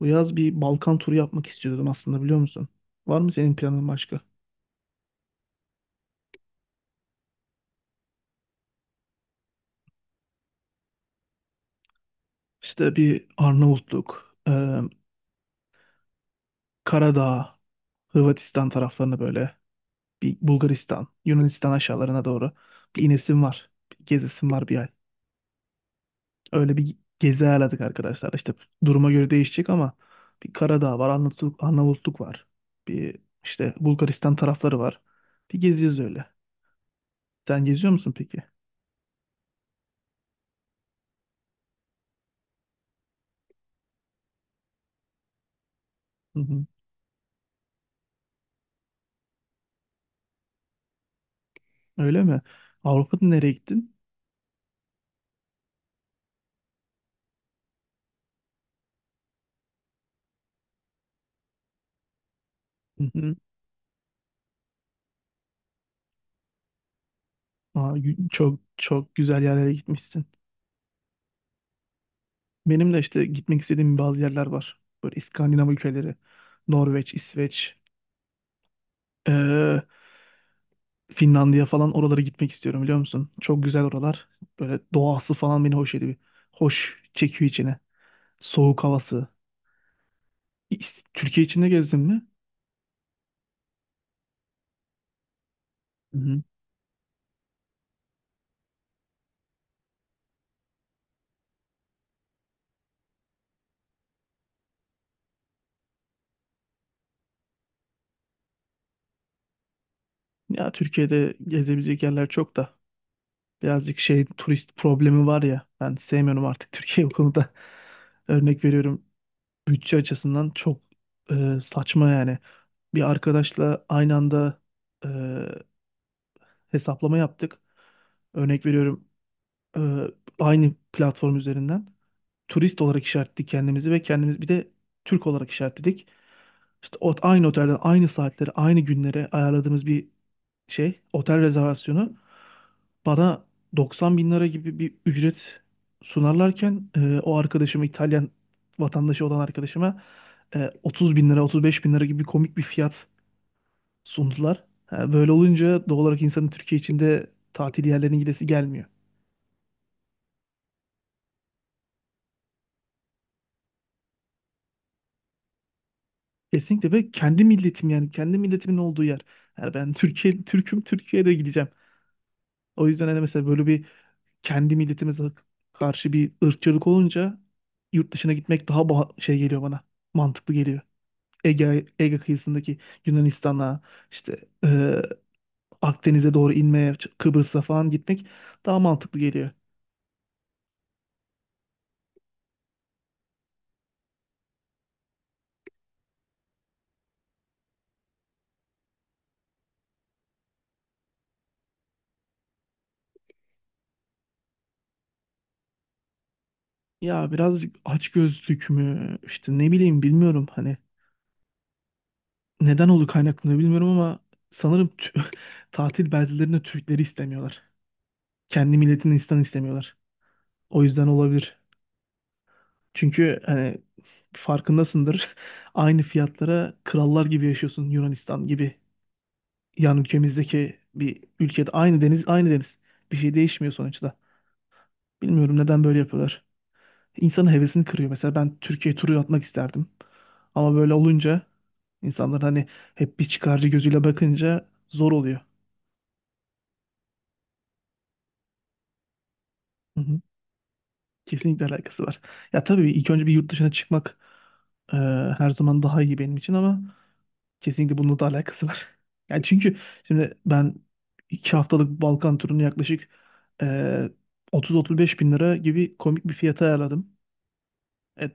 Bu yaz bir Balkan turu yapmak istiyordum aslında, biliyor musun? Var mı senin planın başka? İşte bir Arnavutluk, Karadağ, Hırvatistan taraflarına böyle, bir Bulgaristan, Yunanistan aşağılarına doğru bir inesim var, bir gezesim var bir ay. Öyle bir gezi ayarladık arkadaşlar. İşte duruma göre değişecek ama bir Karadağ var, Arnavutluk, Arnavutluk var. Bir işte Bulgaristan tarafları var. Bir geziyoruz öyle. Sen geziyor musun peki? Hı hı. Öyle mi? Avrupa'da nereye gittin? Aa, çok çok güzel yerlere gitmişsin. Benim de işte gitmek istediğim bazı yerler var. Böyle İskandinav ülkeleri, Norveç, İsveç, eee, Finlandiya falan, oralara gitmek istiyorum, biliyor musun? Çok güzel oralar. Böyle doğası falan beni hoş ediyor. Hoş çekiyor içine. Soğuk havası. Türkiye içinde gezdin mi? Hı-hı. Ya Türkiye'de gezebilecek yerler çok da. Birazcık şey turist problemi var ya. Ben sevmiyorum artık Türkiye bu konuda. Örnek veriyorum, bütçe açısından çok saçma yani. Bir arkadaşla aynı anda e, hesaplama yaptık. Örnek veriyorum, e, aynı platform üzerinden turist olarak işaretledik kendimizi ve kendimiz bir de Türk olarak işaretledik. İşte o aynı otelden, aynı saatlere, aynı günlere ayarladığımız bir şey otel rezervasyonu bana 90 bin lira gibi bir ücret sunarlarken o arkadaşıma, İtalyan vatandaşı olan arkadaşıma, 30 bin lira, 35 bin lira gibi komik bir fiyat sundular. Ha, böyle olunca doğal olarak insanın Türkiye içinde tatil yerlerine gidesi gelmiyor. Kesinlikle, ve kendi milletim, yani kendi milletimin olduğu yer. Yani ben Türkiye Türk'üm, Türkiye'de gideceğim. O yüzden hani mesela böyle bir kendi milletimize karşı bir ırkçılık olunca yurt dışına gitmek daha şey geliyor bana. Mantıklı geliyor. Ege, Ege kıyısındaki Yunanistan'a, işte Akdeniz'e doğru inmeye, Kıbrıs'a falan gitmek daha mantıklı geliyor. Ya birazcık açgözlük mü, işte ne bileyim, bilmiyorum, hani neden oldu, kaynaklanıyor bilmiyorum, ama sanırım tatil beldelerinde Türkleri istemiyorlar. Kendi milletini insan istemiyorlar. O yüzden olabilir. Çünkü hani farkındasındır, aynı fiyatlara krallar gibi yaşıyorsun Yunanistan gibi. Yan ülkemizdeki bir ülkede, aynı deniz, aynı deniz, bir şey değişmiyor sonuçta. Bilmiyorum neden böyle yapıyorlar. İnsanın hevesini kırıyor. Mesela ben Türkiye turu atmak isterdim. Ama böyle olunca insanlar hani hep bir çıkarcı gözüyle bakınca zor oluyor. Hı hı. Kesinlikle alakası var. Ya tabii ilk önce bir yurt dışına çıkmak e, her zaman daha iyi benim için ama kesinlikle bununla da alakası var. Yani çünkü şimdi ben iki haftalık Balkan turunu yaklaşık e, 30-35 bin lira gibi komik bir fiyata ayarladım. E,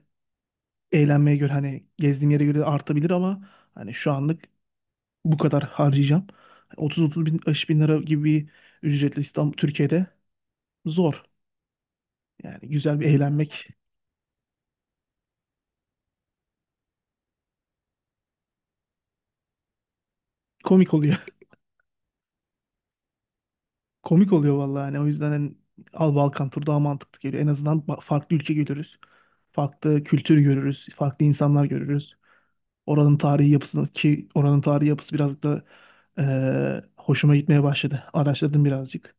Eğlenmeye göre hani, gezdiğim yere göre artabilir ama hani şu anlık bu kadar harcayacağım. 30-30 bin, 50 bin lira gibi bir ücretle İstanbul, Türkiye'de zor. Yani güzel bir eğlenmek komik oluyor. Komik oluyor vallahi yani. O yüzden hani Al Balkan turu daha mantıklı geliyor. En azından farklı ülke görürüz. Farklı kültür görürüz. Farklı insanlar görürüz. Oranın tarihi yapısını, ki oranın tarihi yapısı biraz da hoşuma gitmeye başladı. Araştırdım birazcık.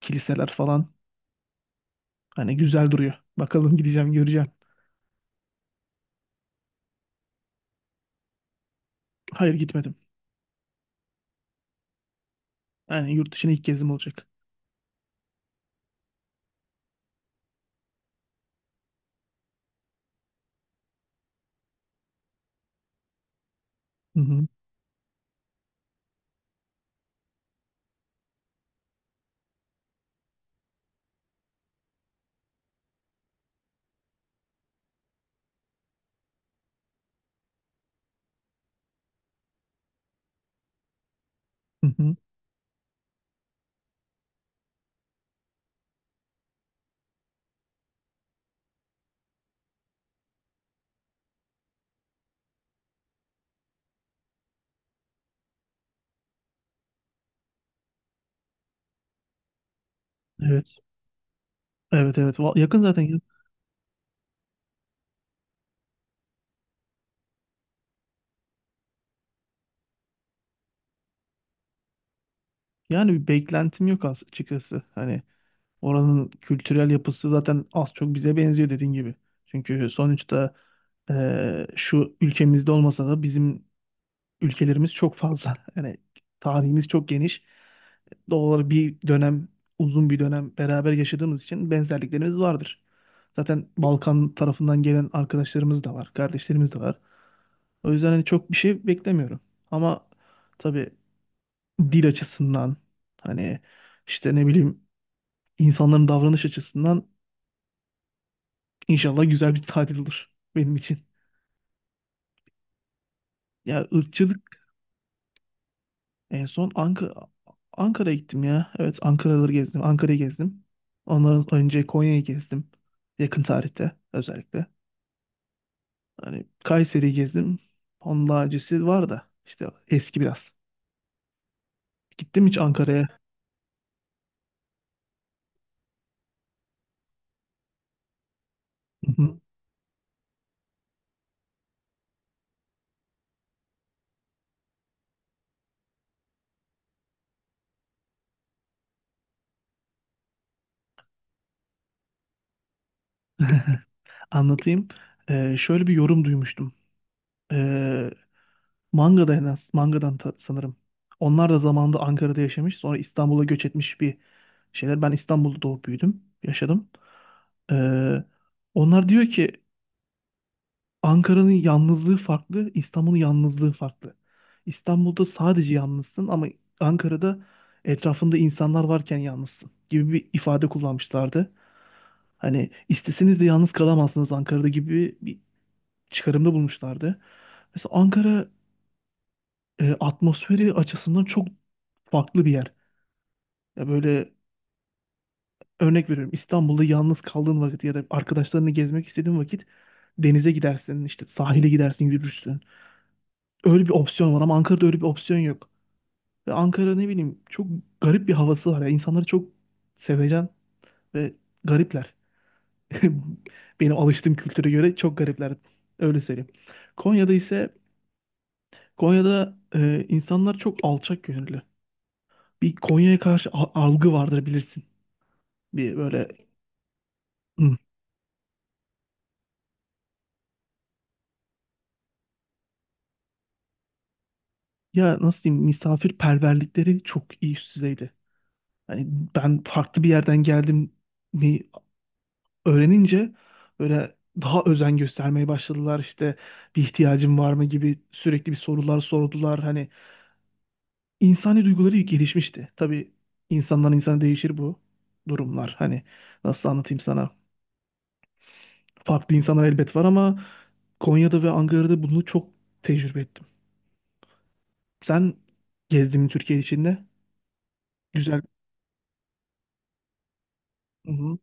Kiliseler falan hani güzel duruyor. Bakalım, gideceğim, göreceğim. Hayır, gitmedim. Yani yurt dışına ilk gezim olacak. Hı hı. Hı hı. Evet. Evet evet. Yakın zaten, ya. Yani bir beklentim yok açıkçası. Hani oranın kültürel yapısı zaten az çok bize benziyor dediğin gibi. Çünkü sonuçta şu ülkemizde olmasa da bizim ülkelerimiz çok fazla. Yani tarihimiz çok geniş. Doğal olarak bir dönem, uzun bir dönem beraber yaşadığımız için benzerliklerimiz vardır. Zaten Balkan tarafından gelen arkadaşlarımız da var, kardeşlerimiz de var. O yüzden hani çok bir şey beklemiyorum. Ama tabii dil açısından, hani işte ne bileyim, insanların davranış açısından, inşallah güzel bir tatil olur benim için. Ya ırkçılık en son Ankara, Ankara'ya gittim ya. Evet Ankara'ları gezdim. Ankara'yı gezdim. Ondan önce Konya'yı gezdim. Yakın tarihte özellikle. Hani Kayseri'yi gezdim. Onun daha öncesi var da işte eski biraz. Gittim hiç Ankara'ya. Hı hı. Anlatayım. Şöyle bir yorum duymuştum. Ee, Manga'da en az. Manga'dan sanırım. Onlar da zamanında Ankara'da yaşamış. Sonra İstanbul'a göç etmiş bir şeyler. Ben İstanbul'da doğup büyüdüm. Yaşadım. Ee, Onlar diyor ki Ankara'nın yalnızlığı farklı, İstanbul'un yalnızlığı farklı. İstanbul'da sadece yalnızsın ama Ankara'da etrafında insanlar varken yalnızsın gibi bir ifade kullanmışlardı. Hani isteseniz de yalnız kalamazsınız Ankara'da gibi bir çıkarımda bulmuşlardı. Mesela Ankara atmosferi açısından çok farklı bir yer. Ya böyle, örnek veriyorum, İstanbul'da yalnız kaldığın vakit ya da arkadaşlarını gezmek istediğin vakit denize gidersin, işte sahile gidersin, yürürsün. Öyle bir opsiyon var ama Ankara'da öyle bir opsiyon yok. Ve Ankara, ne bileyim, çok garip bir havası var ya. İnsanları çok sevecen ve garipler. Benim alıştığım kültüre göre çok garipler. Öyle söyleyeyim. Konya'da ise Konya'da insanlar çok alçak gönüllü. Bir Konya'ya karşı algı vardır bilirsin. Bir böyle, hmm, ya nasıl diyeyim, misafirperverlikleri çok iyi, üst düzeydi. Hani ben farklı bir yerden geldim mi öğrenince böyle daha özen göstermeye başladılar, işte bir ihtiyacım var mı gibi sürekli bir sorular sordular. Hani insani duyguları gelişmişti. Tabii insandan insana değişir bu durumlar. Hani nasıl anlatayım sana? Farklı insanlar elbet var ama Konya'da ve Ankara'da bunu çok tecrübe ettim. Sen gezdin mi Türkiye içinde? Güzel. Hı hı.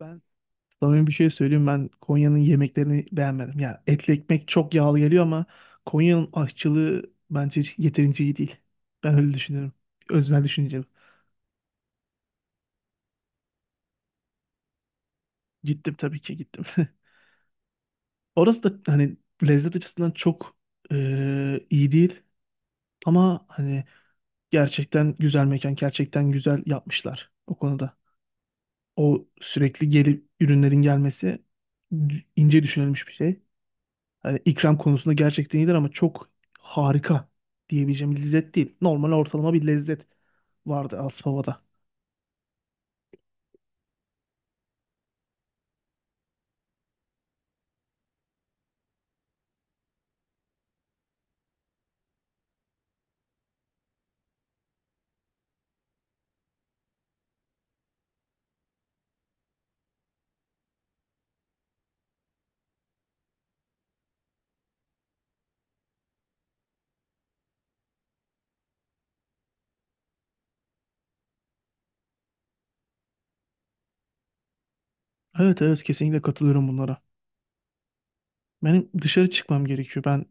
Ben Samimi bir şey söyleyeyim, ben Konya'nın yemeklerini beğenmedim. Ya etli ekmek çok yağlı geliyor, ama Konya'nın aşçılığı bence yeterince iyi değil. Ben öyle düşünüyorum. Öznel düşüncem. Gittim, tabii ki gittim. Orası da hani lezzet açısından çok iyi değil ama hani gerçekten güzel mekan, gerçekten güzel yapmışlar o konuda. O sürekli gelip ürünlerin gelmesi ince düşünülmüş bir şey. Hani ikram konusunda gerçekten iyidir ama çok harika diyebileceğim bir lezzet değil. Normal, ortalama bir lezzet vardı Aspava'da. Evet evet, kesinlikle katılıyorum bunlara. Benim dışarı çıkmam gerekiyor. Ben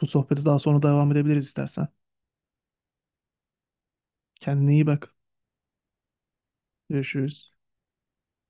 bu sohbete daha sonra devam edebiliriz istersen. Kendine iyi bak. Görüşürüz.